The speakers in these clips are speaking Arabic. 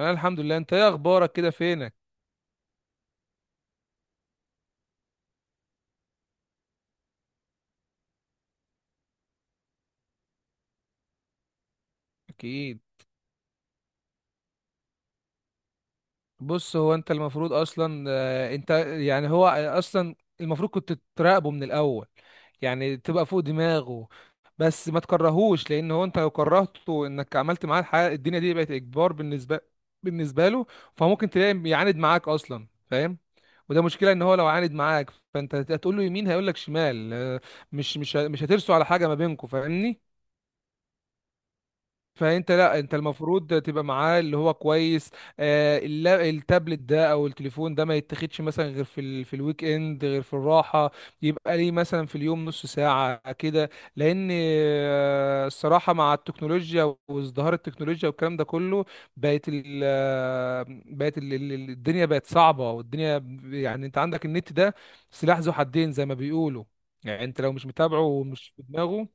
انا الحمد لله. انت ايه اخبارك؟ كده فينك؟ اكيد. بص، هو انت المفروض اصلا انت يعني هو اصلا المفروض كنت تراقبه من الاول، يعني تبقى فوق دماغه. بس ما تكرهوش، لان هو انت لو كرهته انك عملت معاه الحاجه الدنيا دي بقت اجبار بالنسبه له. فممكن تلاقي يعاند معاك اصلا، فاهم؟ وده مشكله ان هو لو عاند معاك فانت هتقول له يمين هيقول لك شمال. مش هترسوا على حاجه ما بينكم، فاهمني؟ فانت، لا انت المفروض تبقى معاه اللي هو كويس. التابلت ده او التليفون ده ما يتاخدش مثلا غير في الويك اند، غير في الراحه. يبقى ليه مثلا في اليوم نص ساعه كده. لان الصراحه، مع التكنولوجيا وازدهار التكنولوجيا والكلام ده كله، بقت ال... آه، بقت ال... ال- ال- الدنيا بقت صعبه، والدنيا يعني انت عندك النت ده سلاح ذو حدين زي ما بيقولوا. يعني انت لو مش متابعه ومش في دماغه.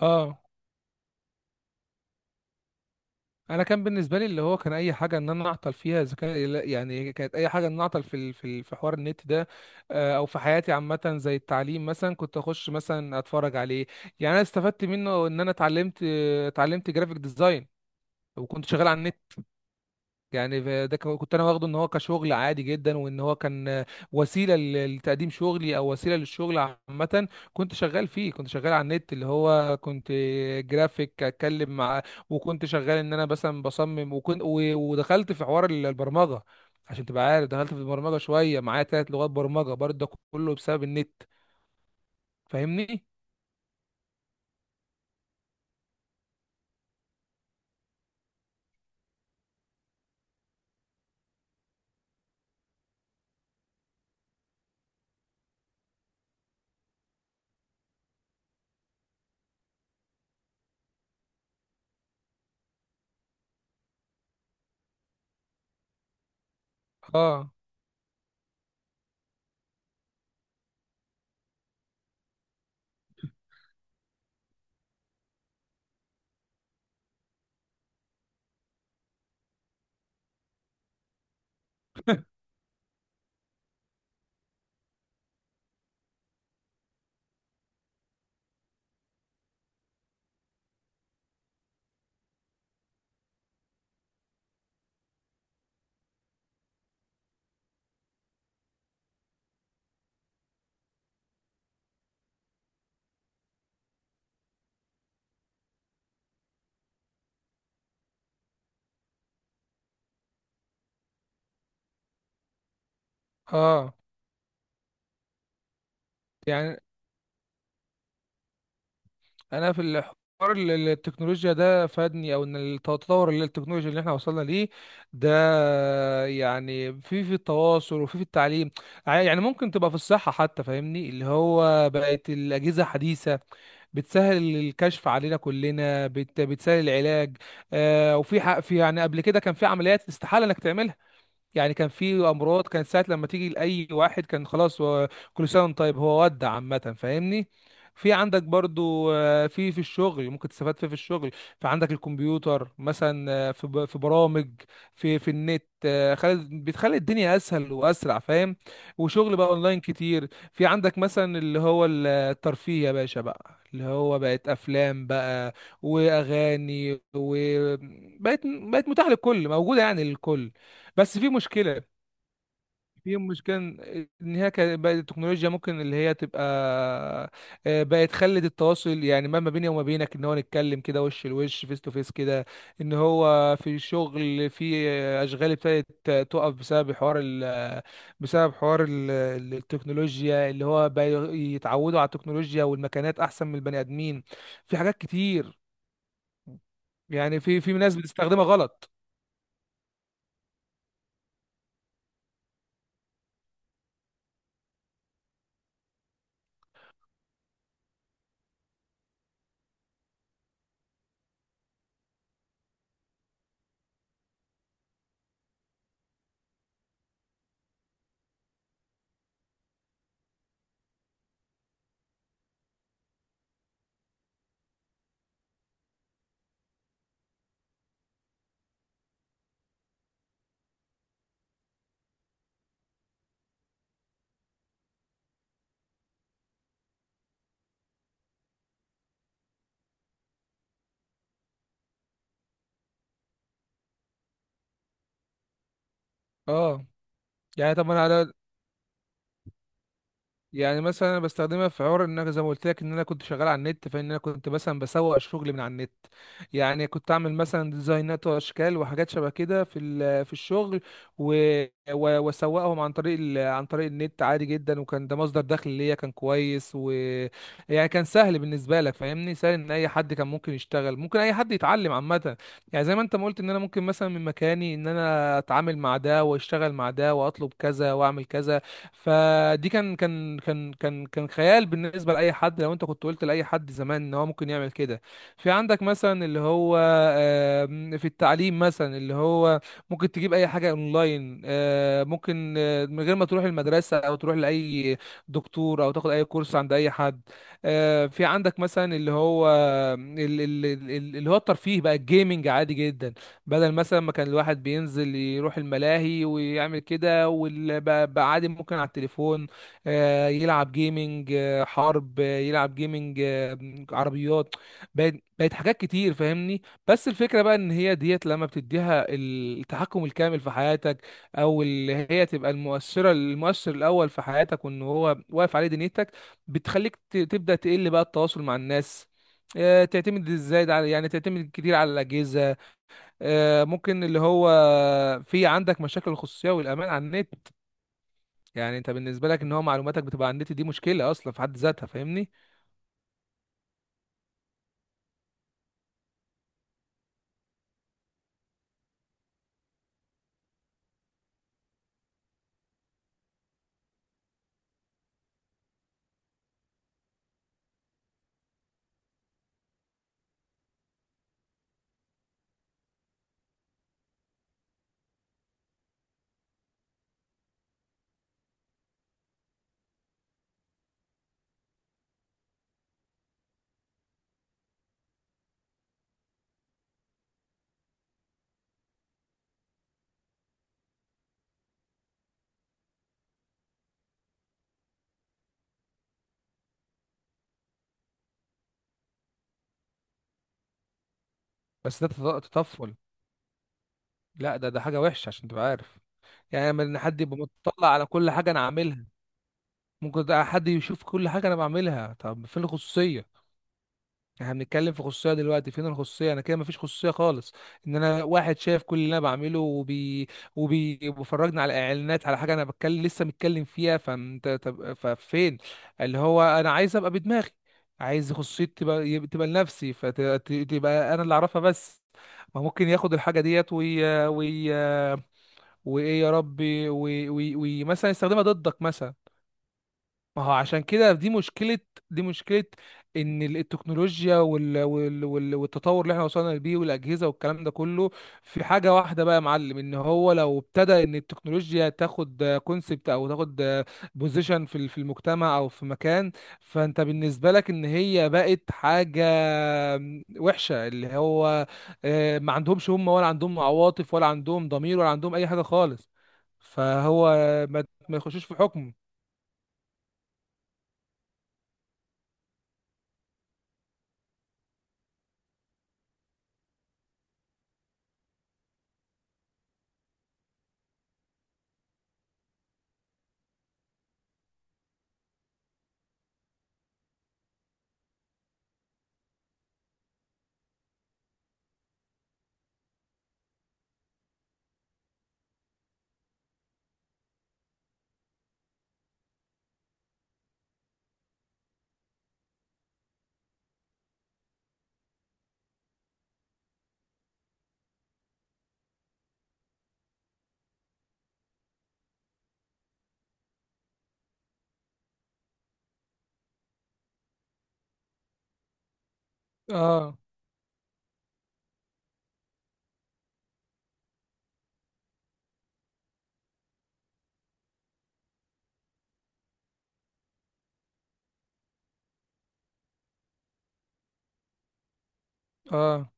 اه. انا كان بالنسبه لي اللي هو كان اي حاجه ان انا اعطل فيها اذا كان، يعني كانت اي حاجه ان أنا اعطل في في حوار النت ده. او في حياتي عامه، زي التعليم مثلا، كنت اخش مثلا اتفرج عليه. يعني انا استفدت منه ان انا اتعلمت، جرافيك ديزاين. وكنت شغال على النت. يعني كنت انا واخده ان هو كشغل عادي جدا، وان هو كان وسيله لتقديم شغلي، او وسيله للشغل عامه. كنت شغال فيه، كنت شغال على النت اللي هو كنت جرافيك، اتكلم مع، وكنت شغال ان انا مثلا بصمم، ودخلت في حوار البرمجه. عشان تبقى عارف، دخلت في البرمجه شويه، معايا ثلاث لغات برمجه برضه، ده كله بسبب النت، فاهمني؟ اه. اه يعني انا في الحوار التكنولوجيا ده فادني، او ان التطور اللي التكنولوجيا اللي احنا وصلنا ليه ده، يعني في التواصل، وفي التعليم. يعني ممكن تبقى في الصحة حتى، فاهمني؟ اللي هو بقت الأجهزة حديثة بتسهل الكشف علينا كلنا، بتسهل العلاج. آه، وفي حق في، يعني قبل كده كان في عمليات استحالة انك تعملها. يعني كان في امراض، كان ساعه لما تيجي لاي واحد كان خلاص، هو كل سنه وانت طيب، هو ودع عامه، فاهمني؟ في عندك برضو في الشغل، ممكن تستفاد فيه في الشغل. فعندك الكمبيوتر مثلا، في في برامج، في النت، بتخلي الدنيا اسهل واسرع، فاهم؟ وشغل بقى اونلاين كتير. في عندك مثلا اللي هو الترفيه يا باشا، بقى اللي هو بقت افلام بقى واغاني، بقت متاحه للكل، موجوده يعني للكل. بس في مشكلة. في مشكلة إن هي كانت بقت التكنولوجيا، ممكن اللي هي تبقى بقت خلت التواصل، يعني ما بيني وما بينك إن هو نتكلم كده وش لوش فيس تو فيس كده. إن هو في شغل، في آه، أشغال ابتدت تقف بسبب حوار بسبب حوار التكنولوجيا، اللي هو بقى يتعودوا على التكنولوجيا، والمكانات أحسن من البني آدمين. في حاجات كتير، يعني في ناس بتستخدمها غلط. اه. يعني طب ما انا، يعني مثلا انا بستخدمها في حوار ان انا، زي ما قلت لك ان انا كنت شغال على النت، فان انا كنت مثلا بسوق شغلي من على النت. يعني كنت اعمل مثلا ديزاينات واشكال وحاجات شبه كده في في الشغل. و واسوقهم عن طريق عن طريق النت عادي جدا، وكان ده مصدر دخل ليا كان كويس يعني كان سهل بالنسبه لك، فاهمني؟ سهل ان اي حد كان ممكن يشتغل، ممكن اي حد يتعلم عامه. يعني زي ما انت ما قلت، ان انا ممكن مثلا من مكاني ان انا اتعامل مع ده، واشتغل مع ده، واطلب كذا واعمل كذا. فدي كان خيال بالنسبه لاي حد، لو انت كنت قلت لاي حد زمان ان هو ممكن يعمل كده. في عندك مثلا اللي هو في التعليم مثلا، اللي هو ممكن تجيب اي حاجه اونلاين، ممكن من غير ما تروح المدرسه، او تروح لاي دكتور، او تاخد اي كورس عند اي حد. في عندك مثلا اللي هو ال- ال- اللي هو الترفيه بقى، الجيمنج عادي جدا، بدل مثلا ما كان الواحد بينزل يروح الملاهي ويعمل كده واللي، بقى بقى عادي ممكن على التليفون يلعب جيمنج حرب، يلعب جيمنج عربيات. بقت حاجات كتير، فاهمني؟ بس الفكرة بقى ان هي ديت لما بتديها التحكم الكامل في حياتك، او اللي هي تبقى المؤثرة، المؤثر الاول في حياتك، وان هو واقف عليه دنيتك، بتخليك تبدأ تقل بقى التواصل مع الناس. تعتمد ازاي على، يعني تعتمد كتير على الاجهزه. ممكن اللي هو في عندك مشاكل الخصوصية والأمان على النت. يعني أنت بالنسبة لك إن هو معلوماتك بتبقى على النت، دي مشكلة أصلا في حد ذاتها، فاهمني؟ بس ده تطفل. لا، ده حاجة وحشة عشان تبقى عارف. يعني لما إن حد يبقى مطلع على كل حاجة أنا عاملها. ممكن ده حد يشوف كل حاجة أنا بعملها، طب فين الخصوصية؟ احنا بنتكلم في خصوصيه دلوقتي، فين الخصوصيه؟ انا كده مفيش خصوصيه خالص. ان انا واحد شايف كل اللي انا بعمله، وبيفرجني على اعلانات، على حاجه انا بتكلم لسه متكلم فيها. فانت طب ففين اللي هو انا عايز ابقى بدماغي، عايز خصوصيتي تبقى تبقى لنفسي، فتبقى انا اللي اعرفها بس. ما ممكن ياخد الحاجه ديت وي وي وايه يا ربي وي وي وي مثلا، يستخدمها ضدك مثلا. ما هو عشان كده دي مشكلة. دي مشكلة إن التكنولوجيا والتطور اللي احنا وصلنا بيه والأجهزة والكلام ده كله. في حاجة واحدة بقى يا معلم، إن هو لو ابتدى إن التكنولوجيا تاخد كونسبت، أو تاخد بوزيشن في في المجتمع أو في مكان، فأنت بالنسبة لك إن هي بقت حاجة وحشة، اللي هو ما عندهمش هم، ولا عندهم عواطف، ولا عندهم ضمير، ولا عندهم أي حاجة خالص. فهو ما ما يخشوش في حكم. اه. اه،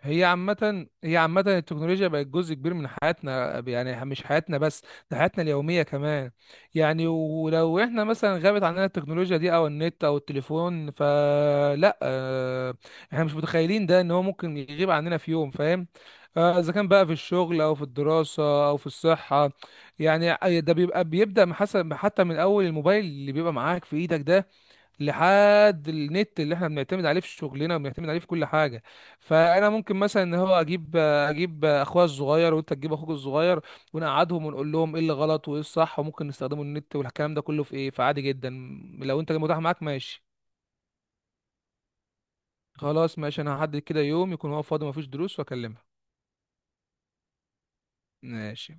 هي عامة، التكنولوجيا بقت جزء كبير من حياتنا، يعني مش حياتنا بس، ده حياتنا اليومية كمان. يعني ولو احنا مثلا غابت عننا التكنولوجيا دي او النت او التليفون، فلا، احنا مش متخيلين ده، ان هو ممكن يغيب عننا في يوم، فاهم؟ اذا كان بقى في الشغل او في الدراسة او في الصحة. يعني ده بيبدأ من حسب، حتى من اول الموبايل اللي بيبقى معاك في ايدك ده، لحد النت اللي احنا بنعتمد عليه في شغلنا وبنعتمد عليه في كل حاجه. فانا ممكن مثلا ان هو اجيب اخويا الصغير، وانت تجيب اخوك الصغير، ونقعدهم ونقول لهم ايه اللي غلط وايه الصح، وممكن نستخدموا النت والكلام ده كله في ايه. فعادي جدا، لو انت متاح معاك ماشي. خلاص ماشي، انا هحدد كده يوم يكون هو فاضي مفيش دروس واكلمها. ماشي.